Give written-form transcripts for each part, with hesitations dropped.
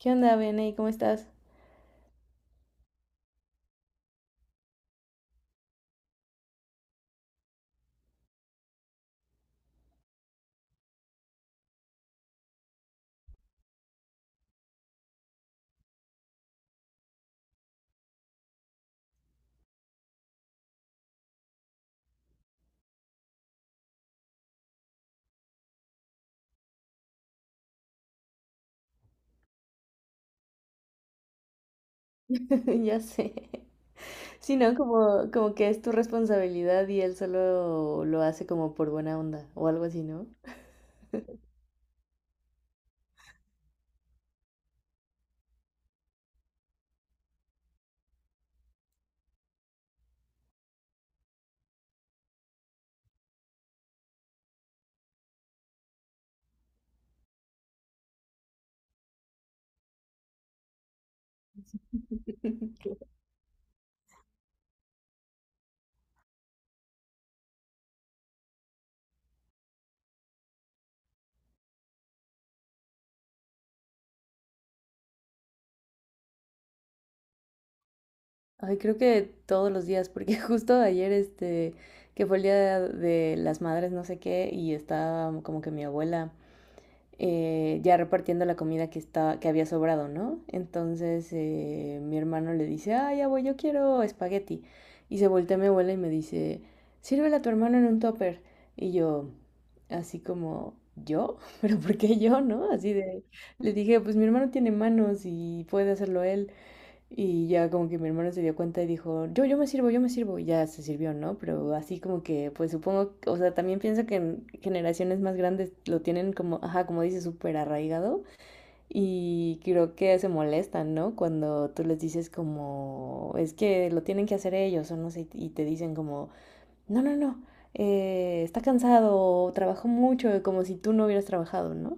¿Qué onda, Vianey? ¿Cómo estás? Ya sé. Sí, ¿no? Como, como que es tu responsabilidad y él solo lo hace como por buena onda o algo así, ¿no? Ay, creo que todos los días, porque justo ayer, que fue el día de las madres, no sé qué, y estaba como que mi abuela. Ya repartiendo la comida que, está, que había sobrado, ¿no? Entonces mi hermano le dice, ay abuelo yo quiero espagueti. Y se voltea a mi abuela y me dice, sírvela a tu hermano en un topper. Y yo, así como, ¿yo? ¿Pero por qué yo, no? Así de, le dije, pues mi hermano tiene manos y puede hacerlo él. Y ya como que mi hermano se dio cuenta y dijo, yo me sirvo, yo me sirvo. Y ya se sirvió, ¿no? Pero así como que, pues supongo, o sea, también pienso que en generaciones más grandes lo tienen como, ajá, como dice, súper arraigado. Y creo que se molestan, ¿no? Cuando tú les dices como, es que lo tienen que hacer ellos o no sé, y te dicen como, no, no, no, está cansado, trabajó mucho, como si tú no hubieras trabajado, ¿no?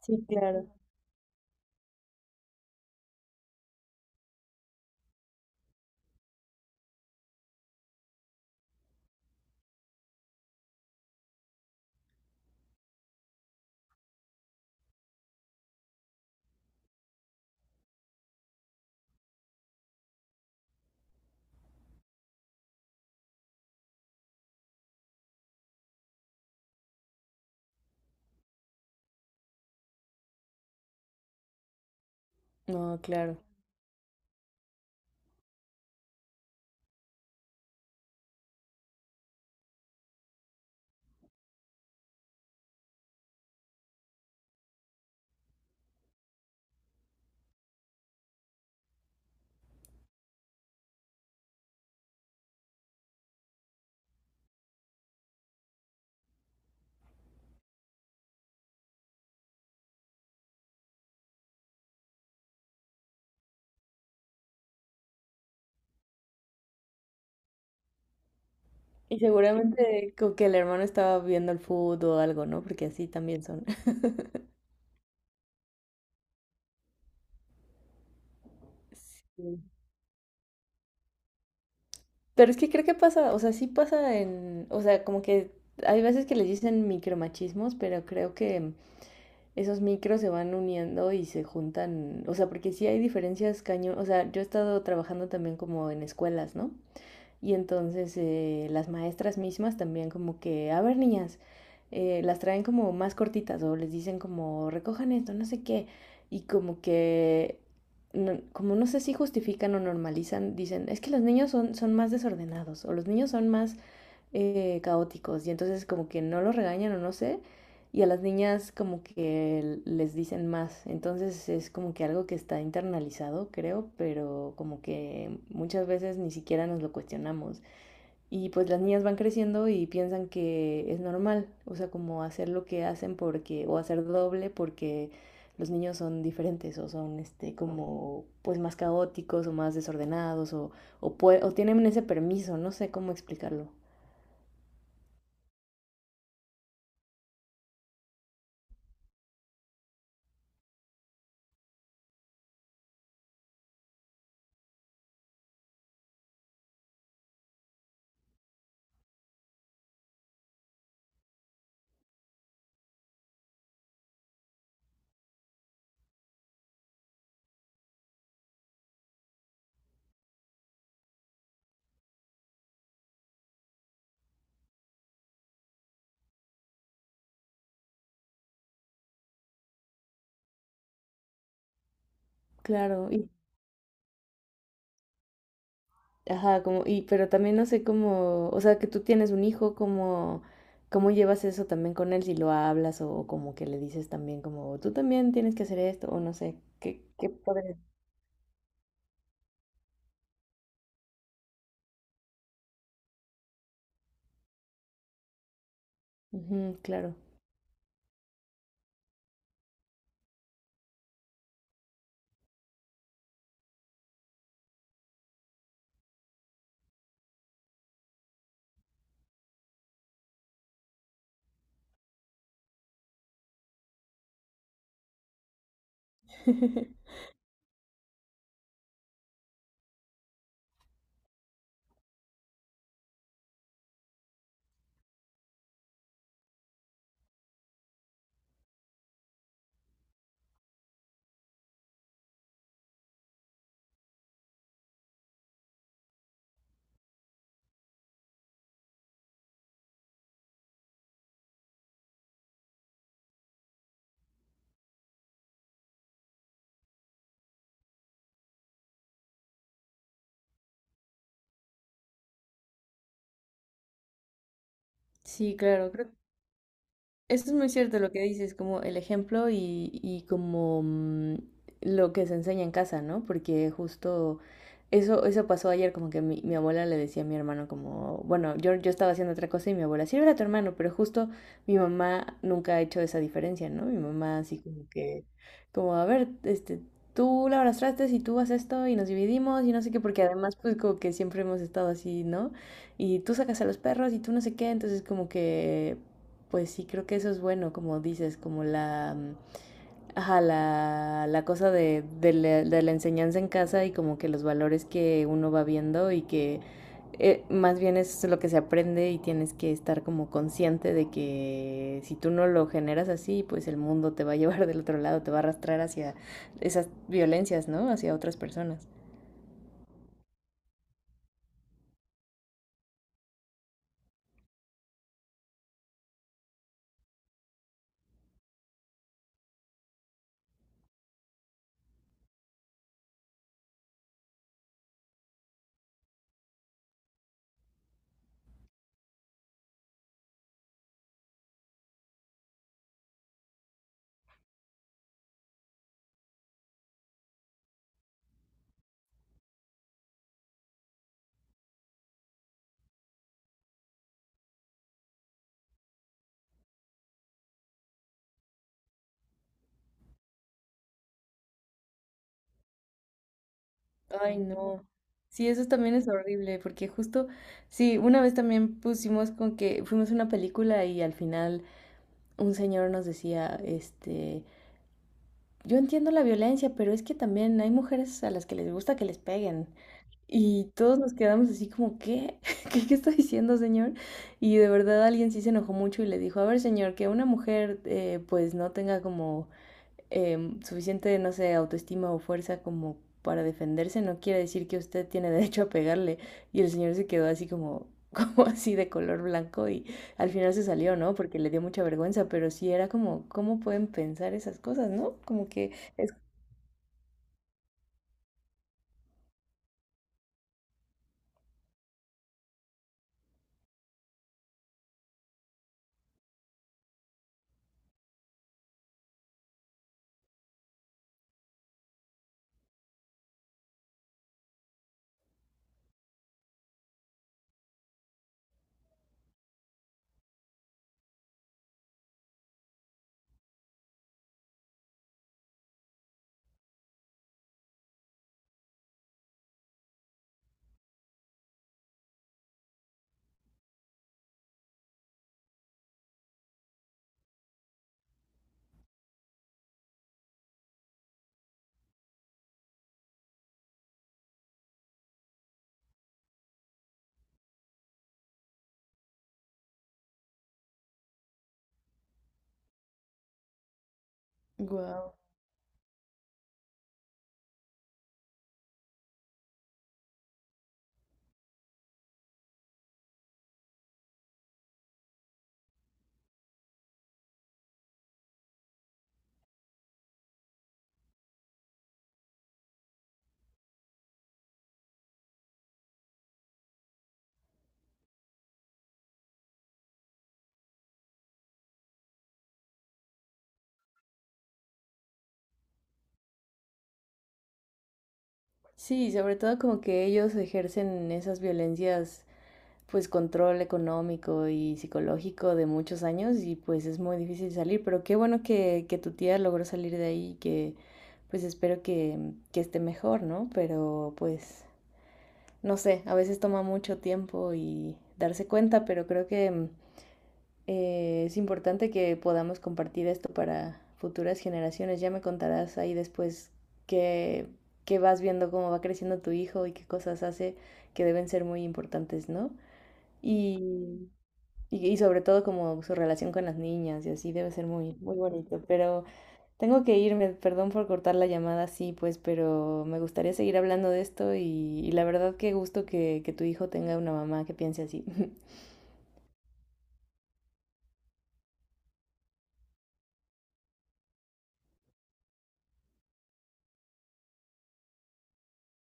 Sí, claro. No, claro. Y seguramente como que el hermano estaba viendo el fútbol o algo, ¿no? Porque así también son. Sí. Pero es que creo que pasa, o sea, sí pasa en, o sea, como que hay veces que les dicen micromachismos, pero creo que esos micros se van uniendo y se juntan, o sea, porque sí hay diferencias cañón, o sea, yo he estado trabajando también como en escuelas, ¿no? Y entonces las maestras mismas también como que, a ver niñas, las traen como más cortitas o les dicen como recojan esto, no sé qué. Y como que, como no sé si justifican o normalizan, dicen, es que los niños son más desordenados o los niños son más caóticos y entonces como que no los regañan o no sé, y a las niñas como que les dicen más, entonces es como que algo que está internalizado, creo, pero como que muchas veces ni siquiera nos lo cuestionamos. Y pues las niñas van creciendo y piensan que es normal, o sea, como hacer lo que hacen porque, o hacer doble porque los niños son diferentes o son este como pues más caóticos o más desordenados o, o tienen ese permiso, no sé cómo explicarlo. Claro, y, ajá, como, y, pero también no sé cómo, o sea, que tú tienes un hijo, cómo, cómo llevas eso también con él, si lo hablas o, como que le dices también como, tú también tienes que hacer esto, o no sé, qué, qué padre. Ujú, claro. Sí, claro, creo eso es muy cierto lo que dices, como el ejemplo y como mm, lo que se enseña en casa, ¿no? Porque justo eso, eso pasó ayer, como que mi abuela le decía a mi hermano como, bueno, yo estaba haciendo otra cosa y mi abuela, sí, era tu hermano, pero justo mi mamá nunca ha hecho esa diferencia, ¿no? Mi mamá así como que, como, a ver, este, tú lavas trastes y tú haces esto y nos dividimos y no sé qué, porque además pues como que siempre hemos estado así, ¿no? Y tú sacas a los perros y tú no sé qué, entonces como que pues sí, creo que eso es bueno, como dices, como la, mm, ajá, la, la cosa de la enseñanza en casa y como que los valores que uno va viendo y que más bien es lo que se aprende y tienes que estar como consciente de que si tú no lo generas así, pues el mundo te va a llevar del otro lado, te va a arrastrar hacia esas violencias, ¿no? Hacia otras personas. Ay, no. Sí, eso también es horrible, porque justo, sí, una vez también pusimos con que fuimos a una película y al final un señor nos decía, este, yo entiendo la violencia, pero es que también hay mujeres a las que les gusta que les peguen. Y todos nos quedamos así como, ¿qué? ¿Qué, qué está diciendo, señor? Y de verdad alguien sí se enojó mucho y le dijo, a ver, señor, que una mujer pues no tenga como suficiente, no sé, autoestima o fuerza como para defenderse, no quiere decir que usted tiene derecho a pegarle. Y el señor se quedó así como, como así de color blanco y al final se salió, ¿no? Porque le dio mucha vergüenza, pero sí era como, ¿cómo pueden pensar esas cosas, ¿no? Como que es... Wow. Sí, sobre todo como que ellos ejercen esas violencias pues control económico y psicológico de muchos años y pues es muy difícil salir, pero qué bueno que tu tía logró salir de ahí y que pues espero que esté mejor, ¿no? Pero pues no sé, a veces toma mucho tiempo y darse cuenta, pero creo que es importante que podamos compartir esto para futuras generaciones. Ya me contarás ahí después que que vas viendo, cómo va creciendo tu hijo y qué cosas hace que deben ser muy importantes, ¿no? Y y sobre todo como su relación con las niñas y así debe ser muy, muy bonito. Pero tengo que irme, perdón por cortar la llamada así, pues, pero me gustaría seguir hablando de esto y la verdad qué gusto que tu hijo tenga una mamá que piense así.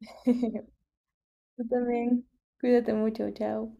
Tú también. Cuídate mucho, chao.